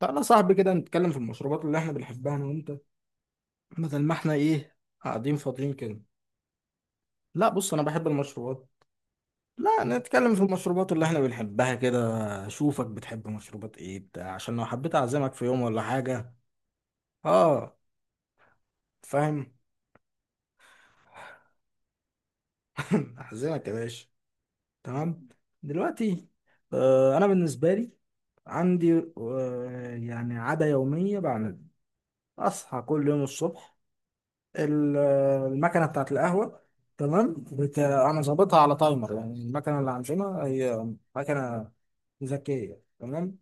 تعالى يا صاحبي كده نتكلم في المشروبات اللي احنا بنحبها انا وانت. بدل ما احنا ايه قاعدين فاضيين كده. لا بص، انا بحب المشروبات. لا نتكلم في المشروبات اللي احنا بنحبها كده. اشوفك بتحب مشروبات ايه بتاع عشان لو حبيت اعزمك في يوم ولا حاجة. اه، فاهم. اعزمك يا باشا. تمام. دلوقتي انا بالنسبة لي عندي يعني عادة يومية بعملها. اصحى كل يوم الصبح ال- المكنه بتاعت القهوه. تمام، انا ظابطها على تايمر. يعني المكنه اللي عندنا هي مكنه ذكيه. تمام،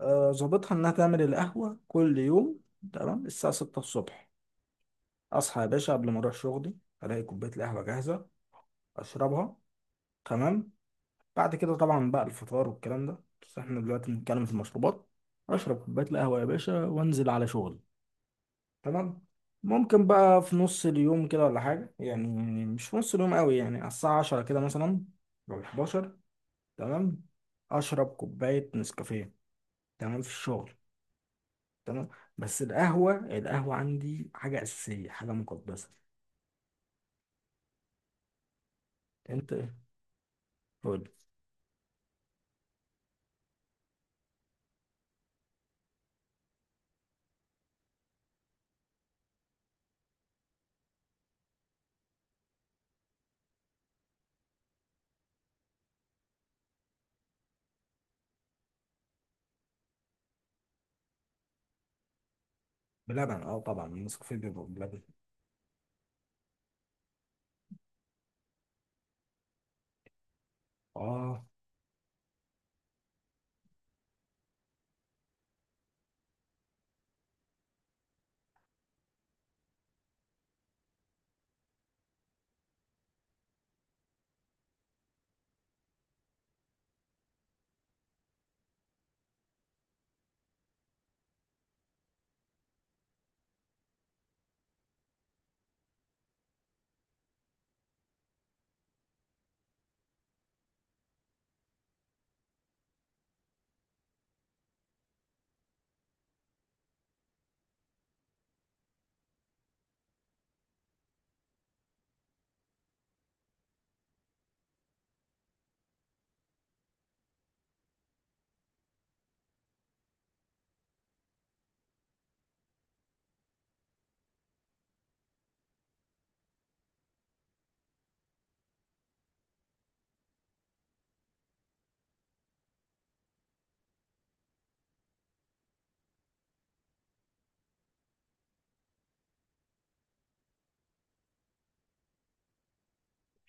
ظابطها انها تعمل القهوه كل يوم تمام الساعه 6 الصبح. اصحى يا باشا قبل ما اروح شغلي، الاقي كوبايه القهوه جاهزه، اشربها. تمام. بعد كده طبعا بقى الفطار والكلام ده، بس احنا دلوقتي بنتكلم في المشروبات. اشرب كوبايه القهوه يا باشا وانزل على شغلي. تمام. ممكن بقى في نص اليوم كده ولا حاجة يعني، مش في نص اليوم قوي، يعني على الساعة 10 كده مثلا أو 11. تمام، أشرب كوباية نسكافيه. تمام، في الشغل. تمام. بس القهوة، القهوة عندي حاجة أساسية، حاجة مقدسة. أنت قول. بلبن، أه طبعا النسكافيه بيبقى بلبن. أه.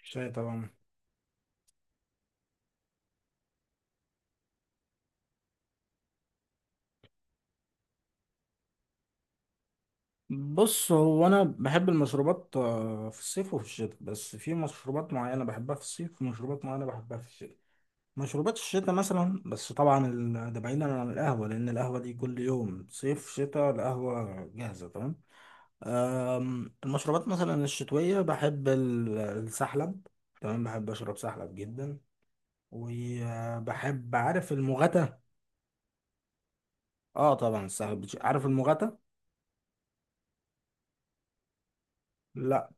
شاي طبعا. بص، هو أنا بحب المشروبات في الصيف وفي الشتاء، بس في مشروبات معينة بحبها في الصيف ومشروبات معينة بحبها في الشتاء. مشروبات الشتاء مثلا، بس طبعا ده بعيدا عن القهوة، لأن القهوة دي كل يوم صيف شتاء القهوة جاهزة. تمام. المشروبات مثلا الشتوية، بحب السحلب. تمام، بحب أشرب سحلب جدا. وبحب، عارف المغاتة؟ اه طبعا السحلب، عارف المغاتة؟ لا.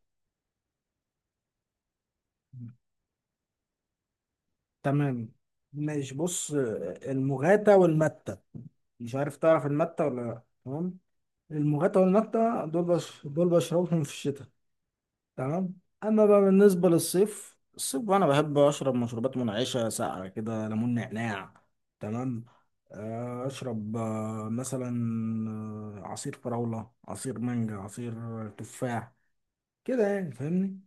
تمام، ماشي. بص، المغاتة والمتة، مش عارف تعرف المتة ولا لا. تمام، المغاتة والمتة دول دول بشربهم في الشتاء. تمام. اما بقى بالنسبه للصيف، الصيف انا بحب اشرب مشروبات منعشه ساقعه كده، ليمون نعناع. تمام، اشرب مثلا عصير فراوله، عصير مانجا، عصير تفاح، كده، يعني فاهمني.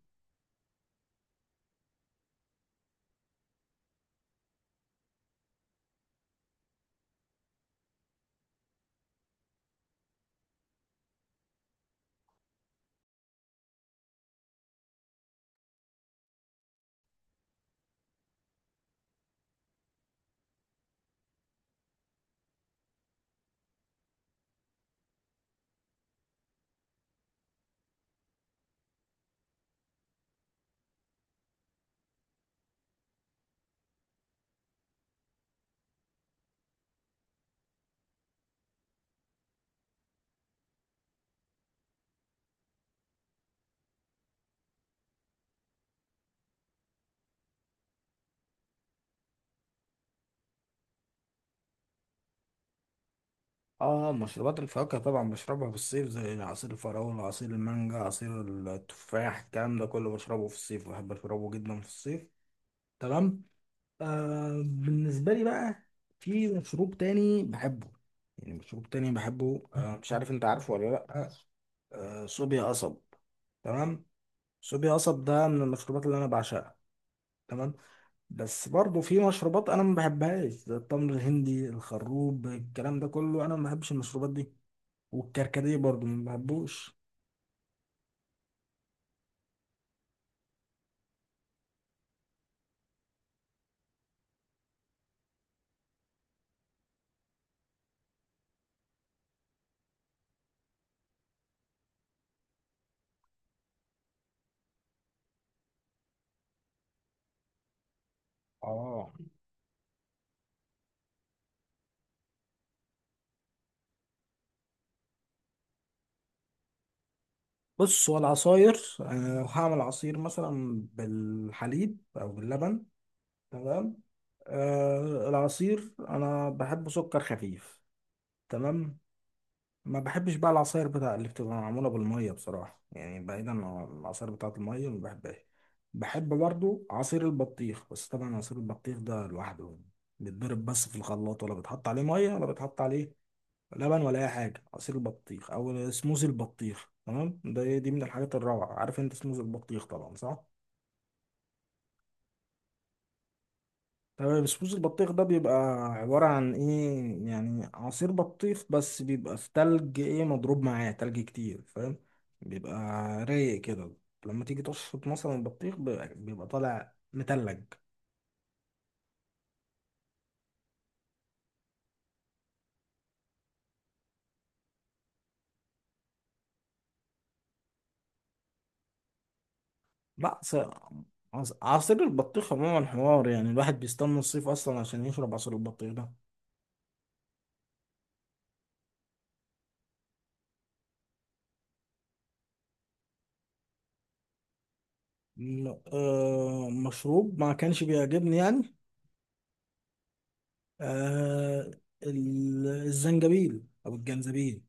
اه، مشروبات الفواكه طبعا بشربها في الصيف، زي عصير الفراوله، عصير المانجا، عصير التفاح، الكلام ده كله بشربه في الصيف، بحب اشربه جدا في الصيف. تمام. بالنسبة لي بقى، في مشروب تاني بحبه، يعني مشروب تاني بحبه مش عارف انت عارفه ولا لأ، صوبيا قصب. تمام، صوبيا قصب ده من المشروبات اللي انا بعشقها. تمام. بس برضه في مشروبات انا ما بحبهاش، زي التمر الهندي، الخروب، الكلام ده كله انا ما بحبش المشروبات دي. والكركديه برضه ما بحبوش. اه. بص، هو العصاير، أنا لو هعمل عصير مثلا بالحليب أو باللبن، تمام، العصير انا بحب سكر خفيف. تمام. ما بحبش بقى العصاير بتاع اللي بتبقى معموله بالميه بصراحه. يعني بعيدا عن العصاير بتاعه الميه ما بحبهاش. بحب برضو عصير البطيخ، بس طبعا عصير البطيخ ده لوحده، بيتضرب بس في الخلاط، ولا بيتحط عليه ميه ولا بيتحط عليه لبن ولا اي حاجه. عصير البطيخ او سموزي البطيخ، تمام، ده إيه؟ دي من الحاجات الروعه. عارف انت سموزي البطيخ طبعا، صح؟ تمام. سموز البطيخ ده بيبقى عبارة عن ايه؟ يعني عصير بطيخ بس بيبقى في تلج، ايه، مضروب معاه تلج كتير فاهم؟ بيبقى رايق كده، لما تيجي تشفط مثلا البطيخ بيبقى بيبقى طالع متلج. لا، عصير البطيخ عموما حوار، يعني الواحد بيستنى الصيف اصلا عشان يشرب عصير البطيخ ده. مشروب ما كانش بيعجبني يعني آه، الزنجبيل او الجنزبيل.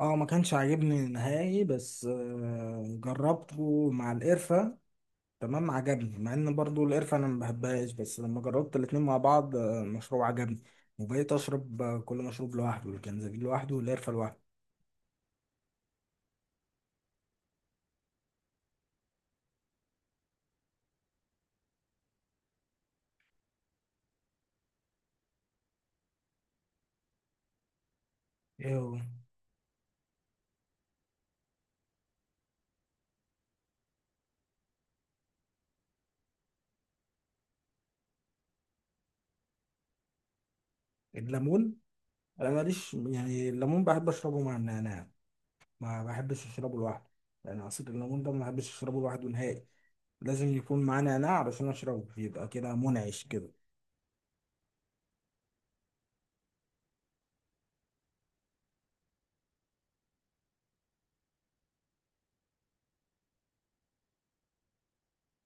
اه ما كانش عاجبني نهائي، بس جربته مع القرفة. تمام، عجبني، مع ان برضو القرفة انا ما بحبهاش، بس لما جربت الاتنين مع بعض المشروب عجبني، وبقيت اشرب كل مشروب لوحده، الجنزبيل لوحده والقرفة لوحده. ايه هو؟ الليمون، انا ماليش، يعني الليمون بحب اشربه مع النعناع، ما بحبش اشربه لوحده. يعني عصير الليمون ده ما بحبش اشربه لوحده نهائي، لازم يكون معاه نعناع علشان اشربه، يبقى كده منعش كده.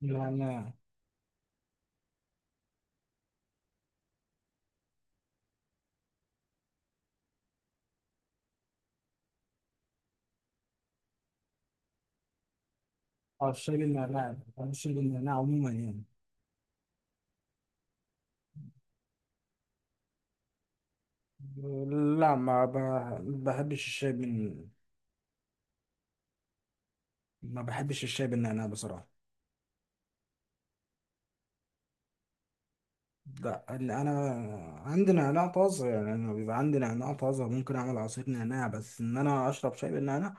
نعناع. اه، الشاي بالنعناع، بحب الشاي بالنعناع عموما يعني. لا، ما بح- بحبش الشاي بال، ما بحبش الشاي بالنعناع بصراحة. لا، لأن أنا عندي نعناع طازة، يعني أنا بيبقى عندي نعناع طازة، ممكن أعمل عصير نعناع، بس إن أنا أشرب شاي بالنعناع،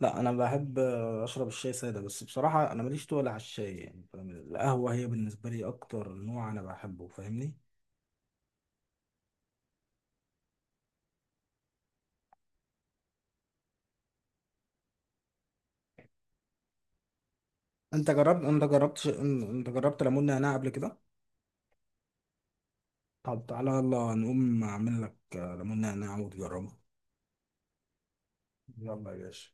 لا. أنا بحب أشرب الشاي سادة، بس بصراحة أنا ماليش تقل على الشاي، يعني فاهم؟ القهوة هي بالنسبة لي أكتر نوع أنا بحبه، فاهمني؟ أنت جربت، أنت جربت ليمون نعناع قبل كده؟ طب تعالى يلا نقوم أعمل لك ليمون نعناع وتجربه. يلا يا باشا.